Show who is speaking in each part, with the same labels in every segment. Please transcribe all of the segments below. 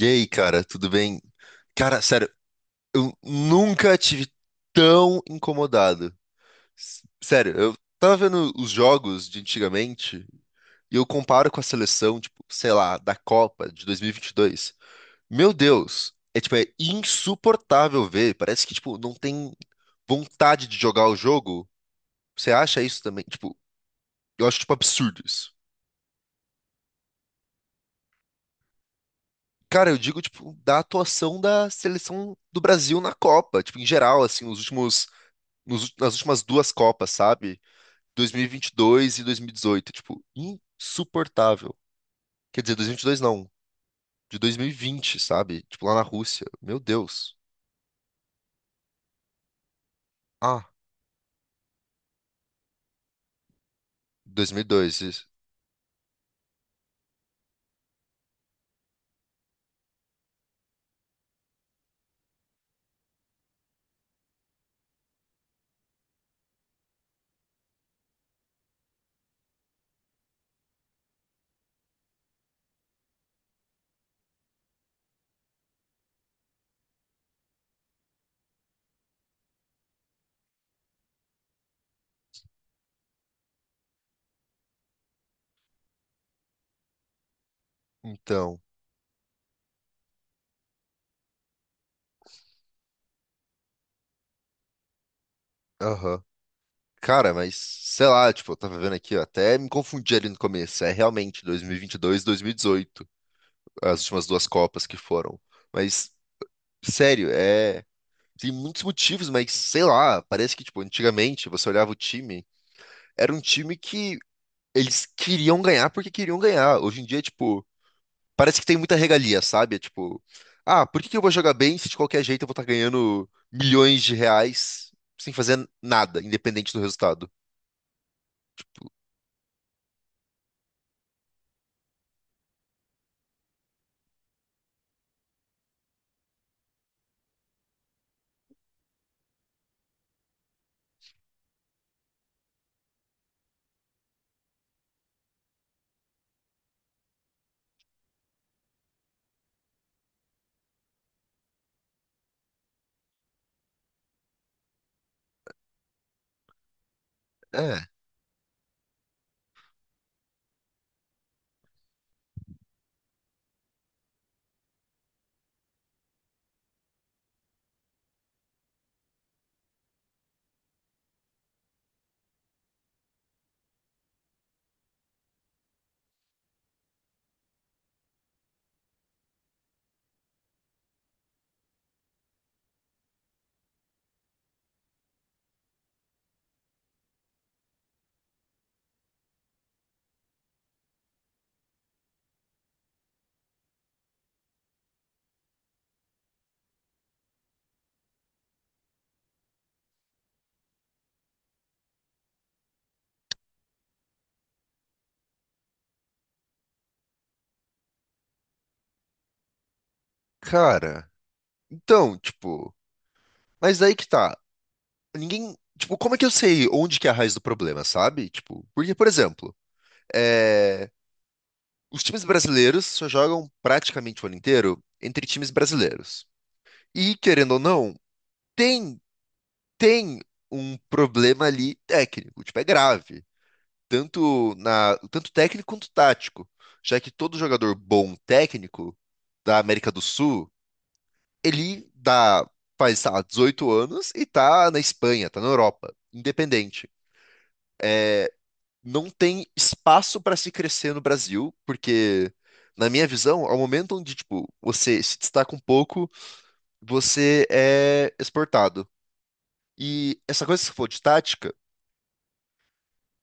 Speaker 1: E aí, cara, tudo bem? Cara, sério, eu nunca tive tão incomodado. Sério, eu tava vendo os jogos de antigamente e eu comparo com a seleção, tipo, sei lá, da Copa de dois mil e vinte e dois. Meu Deus, é tipo, é insuportável ver. Parece que, tipo, não tem vontade de jogar o jogo. Você acha isso também? Tipo, eu acho, tipo, absurdo isso. Cara, eu digo, tipo, da atuação da seleção do Brasil na Copa, tipo, em geral, assim, os últimos nas últimas duas Copas, sabe? 2022 e 2018, tipo, insuportável. Quer dizer, 2022 não, de 2020, sabe? Tipo, lá na Rússia. Meu Deus. Ah, 2002, isso. Então, aham. Cara, mas sei lá, tipo, eu tava vendo aqui, ó, até me confundi ali no começo. É realmente 2022 e 2018, as últimas duas Copas que foram. Mas, sério, é. Tem muitos motivos, mas sei lá, parece que, tipo, antigamente você olhava o time, era um time que eles queriam ganhar porque queriam ganhar. Hoje em dia, tipo, parece que tem muita regalia, sabe? É tipo, ah, por que que eu vou jogar bem se de qualquer jeito eu vou estar ganhando milhões de reais sem fazer nada, independente do resultado? É, cara. Então, tipo, mas aí que tá. Ninguém, tipo, como é que eu sei onde que é a raiz do problema, sabe? Tipo, porque, por exemplo, é, os times brasileiros só jogam praticamente o ano inteiro entre times brasileiros. E, querendo ou não, tem tem um problema ali técnico, tipo, é grave, tanto na, tanto técnico quanto tático, já que todo jogador bom técnico da América do Sul, ele dá, faz, sei lá, 18 anos e tá na Espanha, tá na Europa, independente. Não tem espaço para se crescer no Brasil, porque na minha visão, ao momento onde, tipo, você se destaca um pouco, você é exportado. E essa coisa que você falou de tática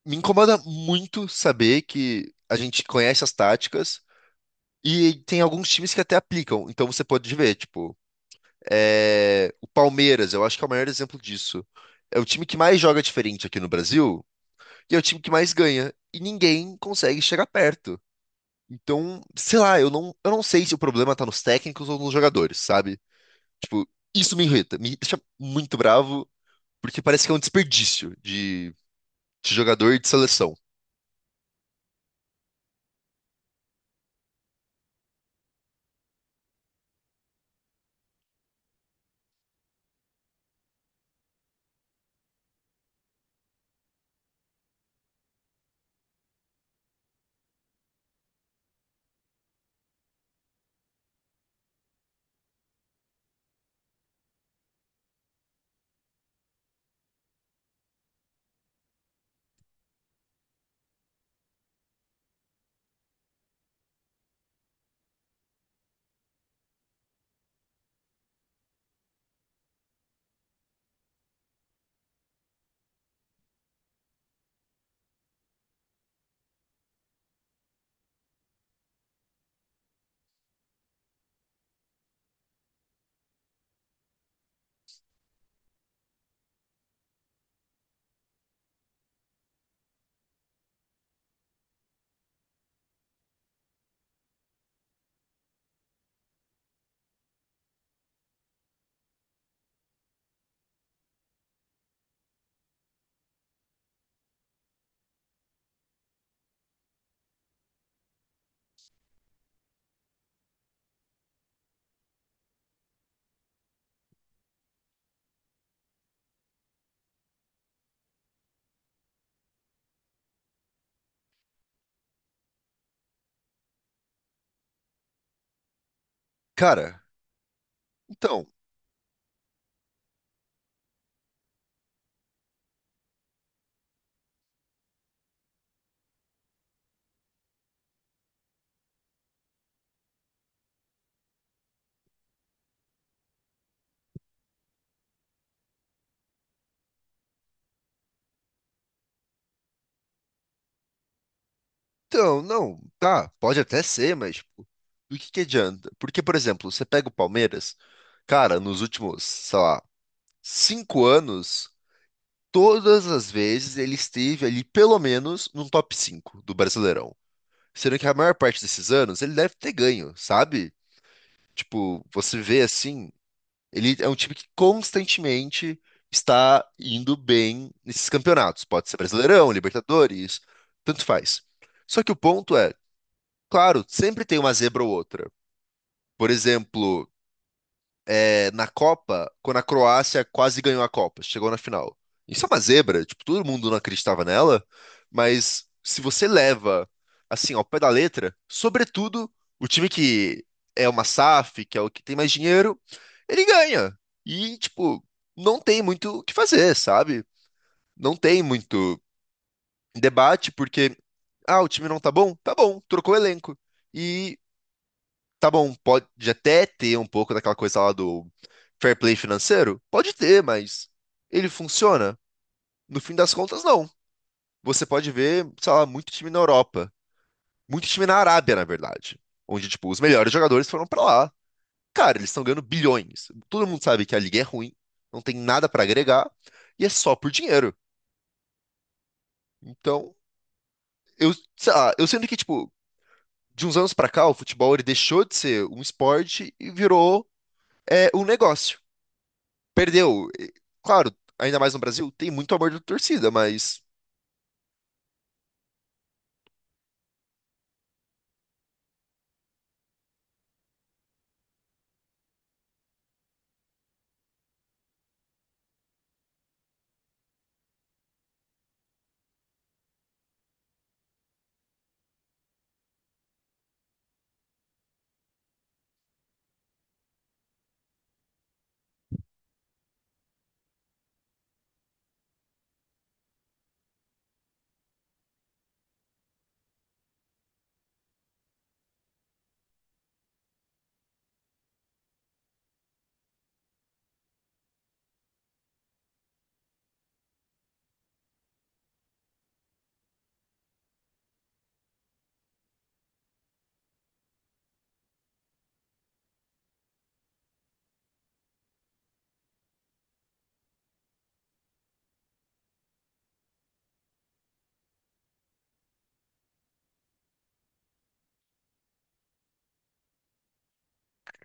Speaker 1: me incomoda muito saber que a gente conhece as táticas e tem alguns times que até aplicam. Então você pode ver, tipo, é, o Palmeiras, eu acho que é o maior exemplo disso. É o time que mais joga diferente aqui no Brasil e é o time que mais ganha. E ninguém consegue chegar perto. Então, sei lá, eu não sei se o problema tá nos técnicos ou nos jogadores, sabe? Tipo, isso me irrita, me deixa muito bravo, porque parece que é um desperdício de jogador e de seleção. Cara, então, não, tá, pode até ser, mas tipo, do que adianta? Porque, por exemplo, você pega o Palmeiras, cara, nos últimos, sei lá, 5 anos, todas as vezes ele esteve ali pelo menos no top 5 do Brasileirão. Sendo que a maior parte desses anos ele deve ter ganho, sabe? Tipo, você vê assim, ele é um time que constantemente está indo bem nesses campeonatos. Pode ser Brasileirão, Libertadores, tanto faz. Só que o ponto é. Claro, sempre tem uma zebra ou outra. Por exemplo, é, na Copa, quando a Croácia quase ganhou a Copa, chegou na final. Isso é uma zebra, tipo, todo mundo não acreditava nela, mas se você leva assim ao pé da letra, sobretudo o time que é uma SAF, que é o que tem mais dinheiro, ele ganha. E tipo, não tem muito o que fazer, sabe? Não tem muito debate porque ah, o time não tá bom? Tá bom, trocou o elenco. E tá bom, pode até ter um pouco daquela coisa lá do fair play financeiro? Pode ter, mas ele funciona? No fim das contas, não. Você pode ver, sei lá, muito time na Europa, muito time na Arábia, na verdade, onde, tipo, os melhores jogadores foram pra lá. Cara, eles estão ganhando bilhões. Todo mundo sabe que a liga é ruim, não tem nada pra agregar e é só por dinheiro. Então, eu, sei lá, eu sinto que, tipo, de uns anos pra cá, o futebol ele deixou de ser um esporte e virou é, um negócio. Perdeu. E, claro, ainda mais no Brasil, tem muito amor da torcida, mas,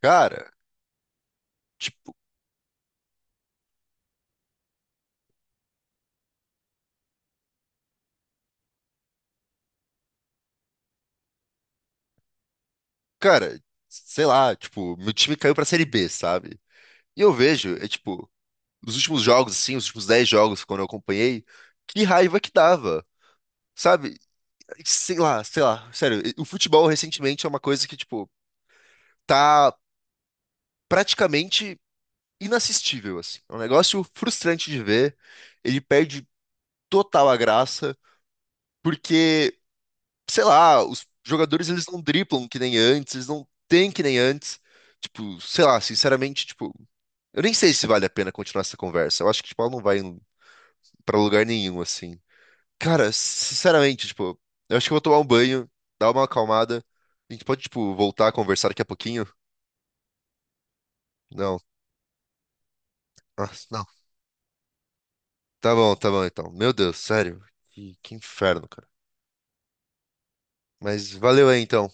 Speaker 1: cara, tipo, cara, sei lá, tipo, meu time caiu pra Série B, sabe? E eu vejo, é tipo, nos últimos jogos, assim, os últimos 10 jogos, quando eu acompanhei, que raiva que dava, sabe? Sei lá, sério, o futebol recentemente é uma coisa que, tipo, tá praticamente inassistível, assim. É um negócio frustrante de ver, ele perde total a graça, porque, sei lá, os jogadores eles não driblam que nem antes, eles não têm que nem antes. Tipo, sei lá, sinceramente, tipo, eu nem sei se vale a pena continuar essa conversa. Eu acho que tipo, ela não vai pra lugar nenhum assim. Cara, sinceramente, tipo, eu acho que eu vou tomar um banho, dar uma acalmada. A gente pode, tipo, voltar a conversar daqui a pouquinho? Não. Ah, não. Tá bom então. Meu Deus, sério. Que inferno, cara. Mas valeu aí então.